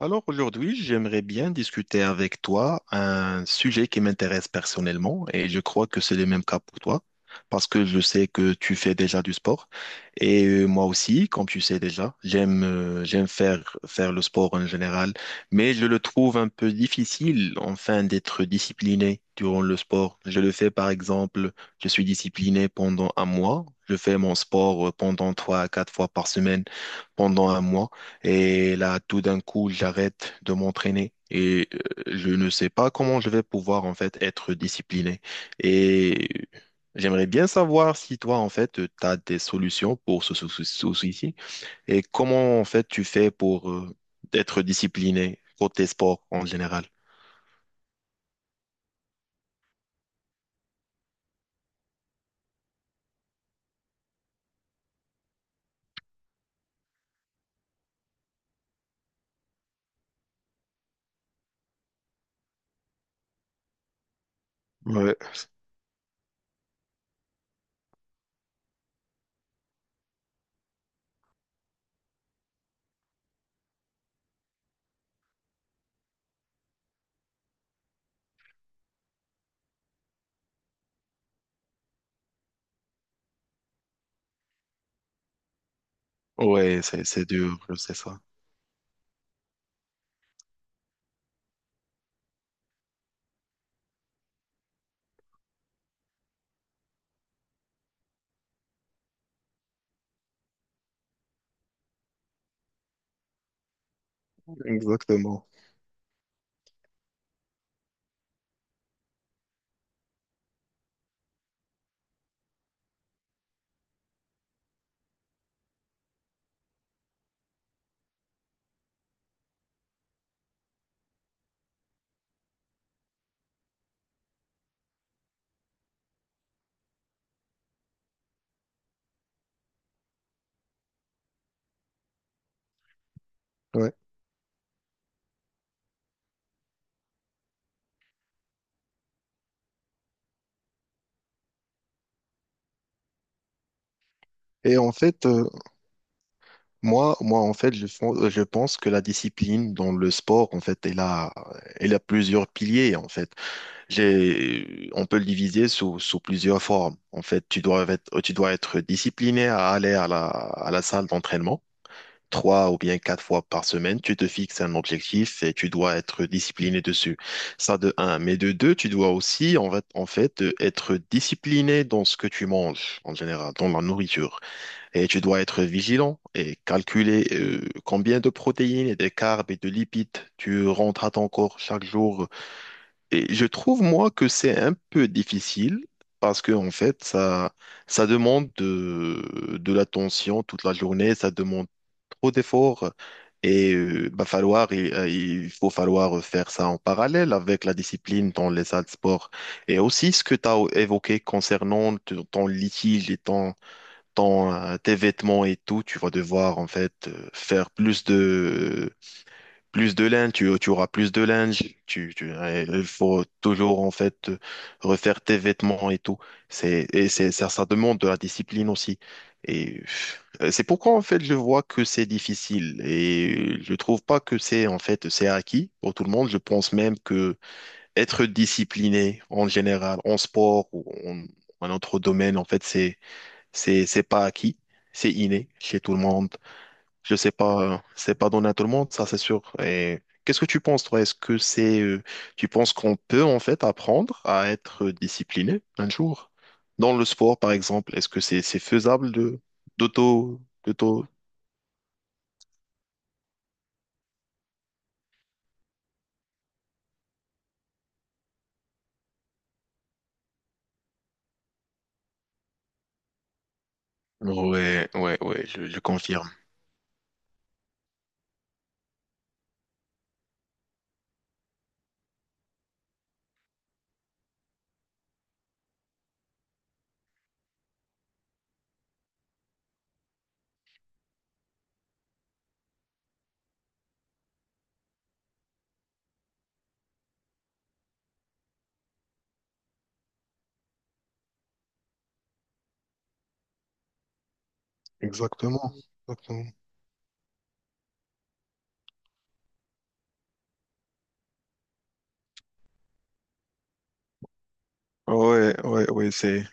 Alors aujourd'hui, j'aimerais bien discuter avec toi un sujet qui m'intéresse personnellement, et je crois que c'est le même cas pour toi parce que je sais que tu fais déjà du sport. Et moi aussi, comme tu sais déjà, j'aime faire le sport en général, mais je le trouve un peu difficile, enfin, d'être discipliné durant le sport. Je le fais par exemple, je suis discipliné pendant un mois, je fais mon sport pendant 3 à 4 fois par semaine pendant un mois. Et là, tout d'un coup, j'arrête de m'entraîner, et je ne sais pas comment je vais pouvoir en fait être discipliné. Et j'aimerais bien savoir si toi en fait tu as des solutions pour ce souci-ci, et comment en fait tu fais pour être discipliné côté sport en général. Ouais, ouais, c'est dur, je sais ça. Exactement. Ouais. Et en fait, moi, en fait, je pense que la discipline dans le sport, en fait, elle a plusieurs piliers, en fait. On peut le diviser sous plusieurs formes. En fait, tu dois être discipliné à aller à la salle d'entraînement 3 ou bien 4 fois par semaine. Tu te fixes un objectif et tu dois être discipliné dessus. Ça de un. Mais de deux, tu dois aussi, en fait, être discipliné dans ce que tu manges, en général, dans la nourriture. Et tu dois être vigilant et calculer combien de protéines et de carbs et de lipides tu rentres à ton corps chaque jour. Et je trouve, moi, que c'est un peu difficile parce que, en fait, ça demande de l'attention toute la journée, ça demande trop d'efforts, et bah, il faut falloir faire ça en parallèle avec la discipline dans les salles de sport. Et aussi, ce que tu as évoqué concernant ton ton litige et ton ton, tes vêtements et tout, tu vas devoir en fait faire plus de linge, tu auras plus de linge, tu il faut toujours en fait refaire tes vêtements et tout. C'est ça, ça demande de la discipline aussi. Et c'est pourquoi en fait je vois que c'est difficile, et je trouve pas que c'est en fait c'est acquis pour tout le monde. Je pense même que être discipliné en général en sport, ou en autre domaine en fait, c'est pas acquis, c'est inné chez tout le monde. Je sais pas, c'est pas donné à tout le monde, ça c'est sûr. Et qu'est-ce que tu penses, toi? Est-ce que tu penses qu'on peut en fait apprendre à être discipliné un jour? Dans le sport, par exemple, est-ce que c'est faisable de d'auto? Ouais, ouais, ouais, je confirme. Exactement, exactement. Ouais, ouais, ouais, c'est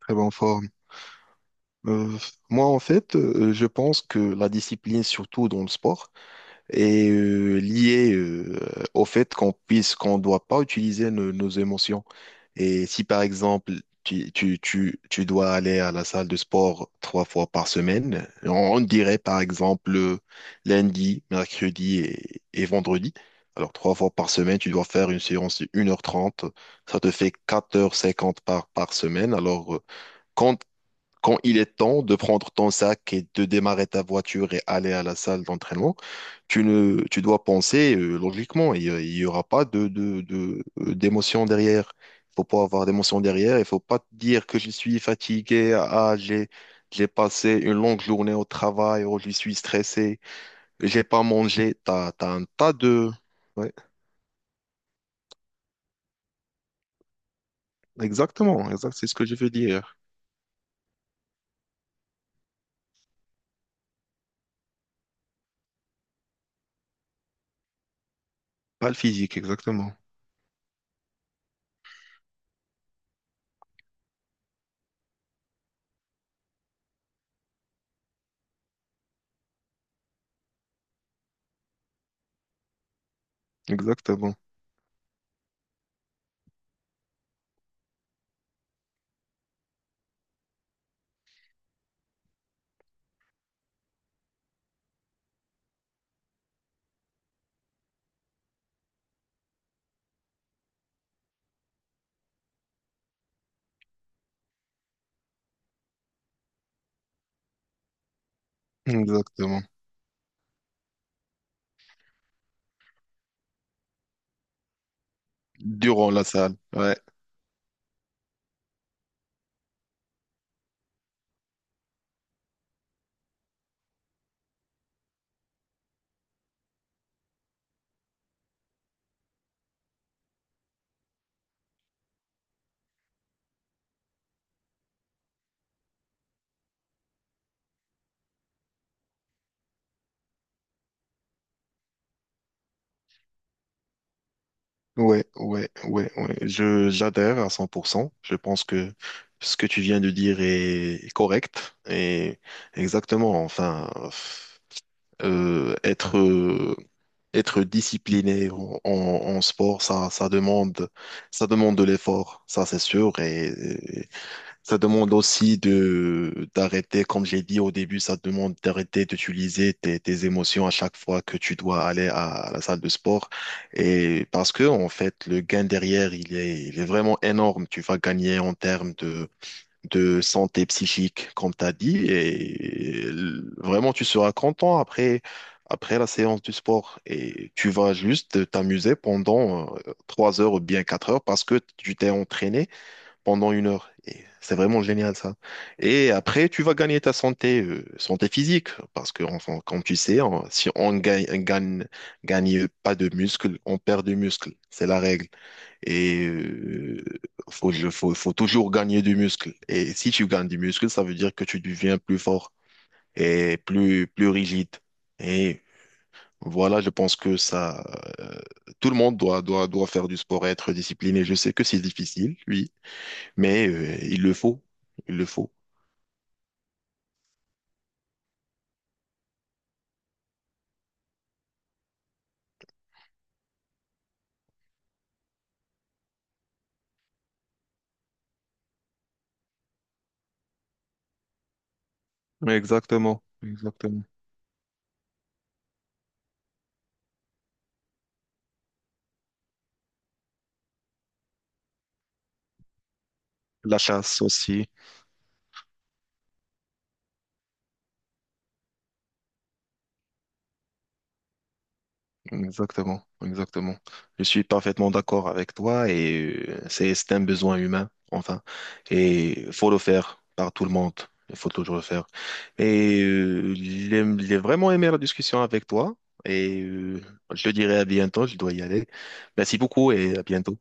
très bonne forme. Euh, Moi, en fait, je pense que la discipline, surtout dans le sport, et lié au fait qu'on doit pas utiliser nos émotions. Et si par exemple tu dois aller à la salle de sport 3 fois par semaine, on dirait par exemple lundi, mercredi et vendredi. Alors 3 fois par semaine, tu dois faire une séance de 1h30. Ça te fait 4h50 par semaine. Alors quand quand il est temps de prendre ton sac et de démarrer ta voiture et aller à la salle d'entraînement, tu ne, tu dois penser logiquement. Il n'y aura pas d'émotion derrière. Il faut pas avoir d'émotion derrière. Il faut pas te dire que je suis fatigué. Ah, j'ai passé une longue journée au travail. Oh, je suis stressé. J'ai pas mangé. T'as un tas de... Ouais, exactement. Exact, c'est ce que je veux dire. Pas le physique, exactement. Exactement. Exactement. Durant la salle. Ouais. Ouais, ouais, ouais, ouais. J'adhère à 100%. Je pense que ce que tu viens de dire est correct, et exactement. Enfin, euh, être, euh, être discipliné en en sport, ça demande de l'effort, ça c'est sûr. Et ça demande aussi de d'arrêter, comme j'ai dit au début, ça demande d'arrêter d'utiliser tes émotions à chaque fois que tu dois aller à, la salle de sport. Et parce que, en fait, le gain derrière, il est vraiment énorme. Tu vas gagner en termes de santé psychique, comme tu as dit, et vraiment, tu seras content après, après la séance du sport. Et tu vas juste t'amuser pendant 3 heures ou bien 4 heures parce que tu t'es entraîné pendant 1 heure. Et c'est vraiment génial, ça. Et après, tu vas gagner ta santé, santé physique, parce que, enfin, comme tu sais, si on gagne pas de muscles, on perd du muscle. C'est la règle. Et faut toujours gagner du muscle. Et si tu gagnes du muscle, ça veut dire que tu deviens plus fort et plus rigide. Et voilà, je pense que euh, tout le monde doit faire du sport et être discipliné. Je sais que c'est difficile, oui, mais il le faut, il le faut. Exactement, exactement. La chasse aussi, exactement, exactement. Je suis parfaitement d'accord avec toi, et c'est un besoin humain, enfin, et il faut le faire par tout le monde. Il faut toujours le faire. Et j'ai vraiment aimé la discussion avec toi, et je te dirai à bientôt, je dois y aller. Merci beaucoup, et à bientôt.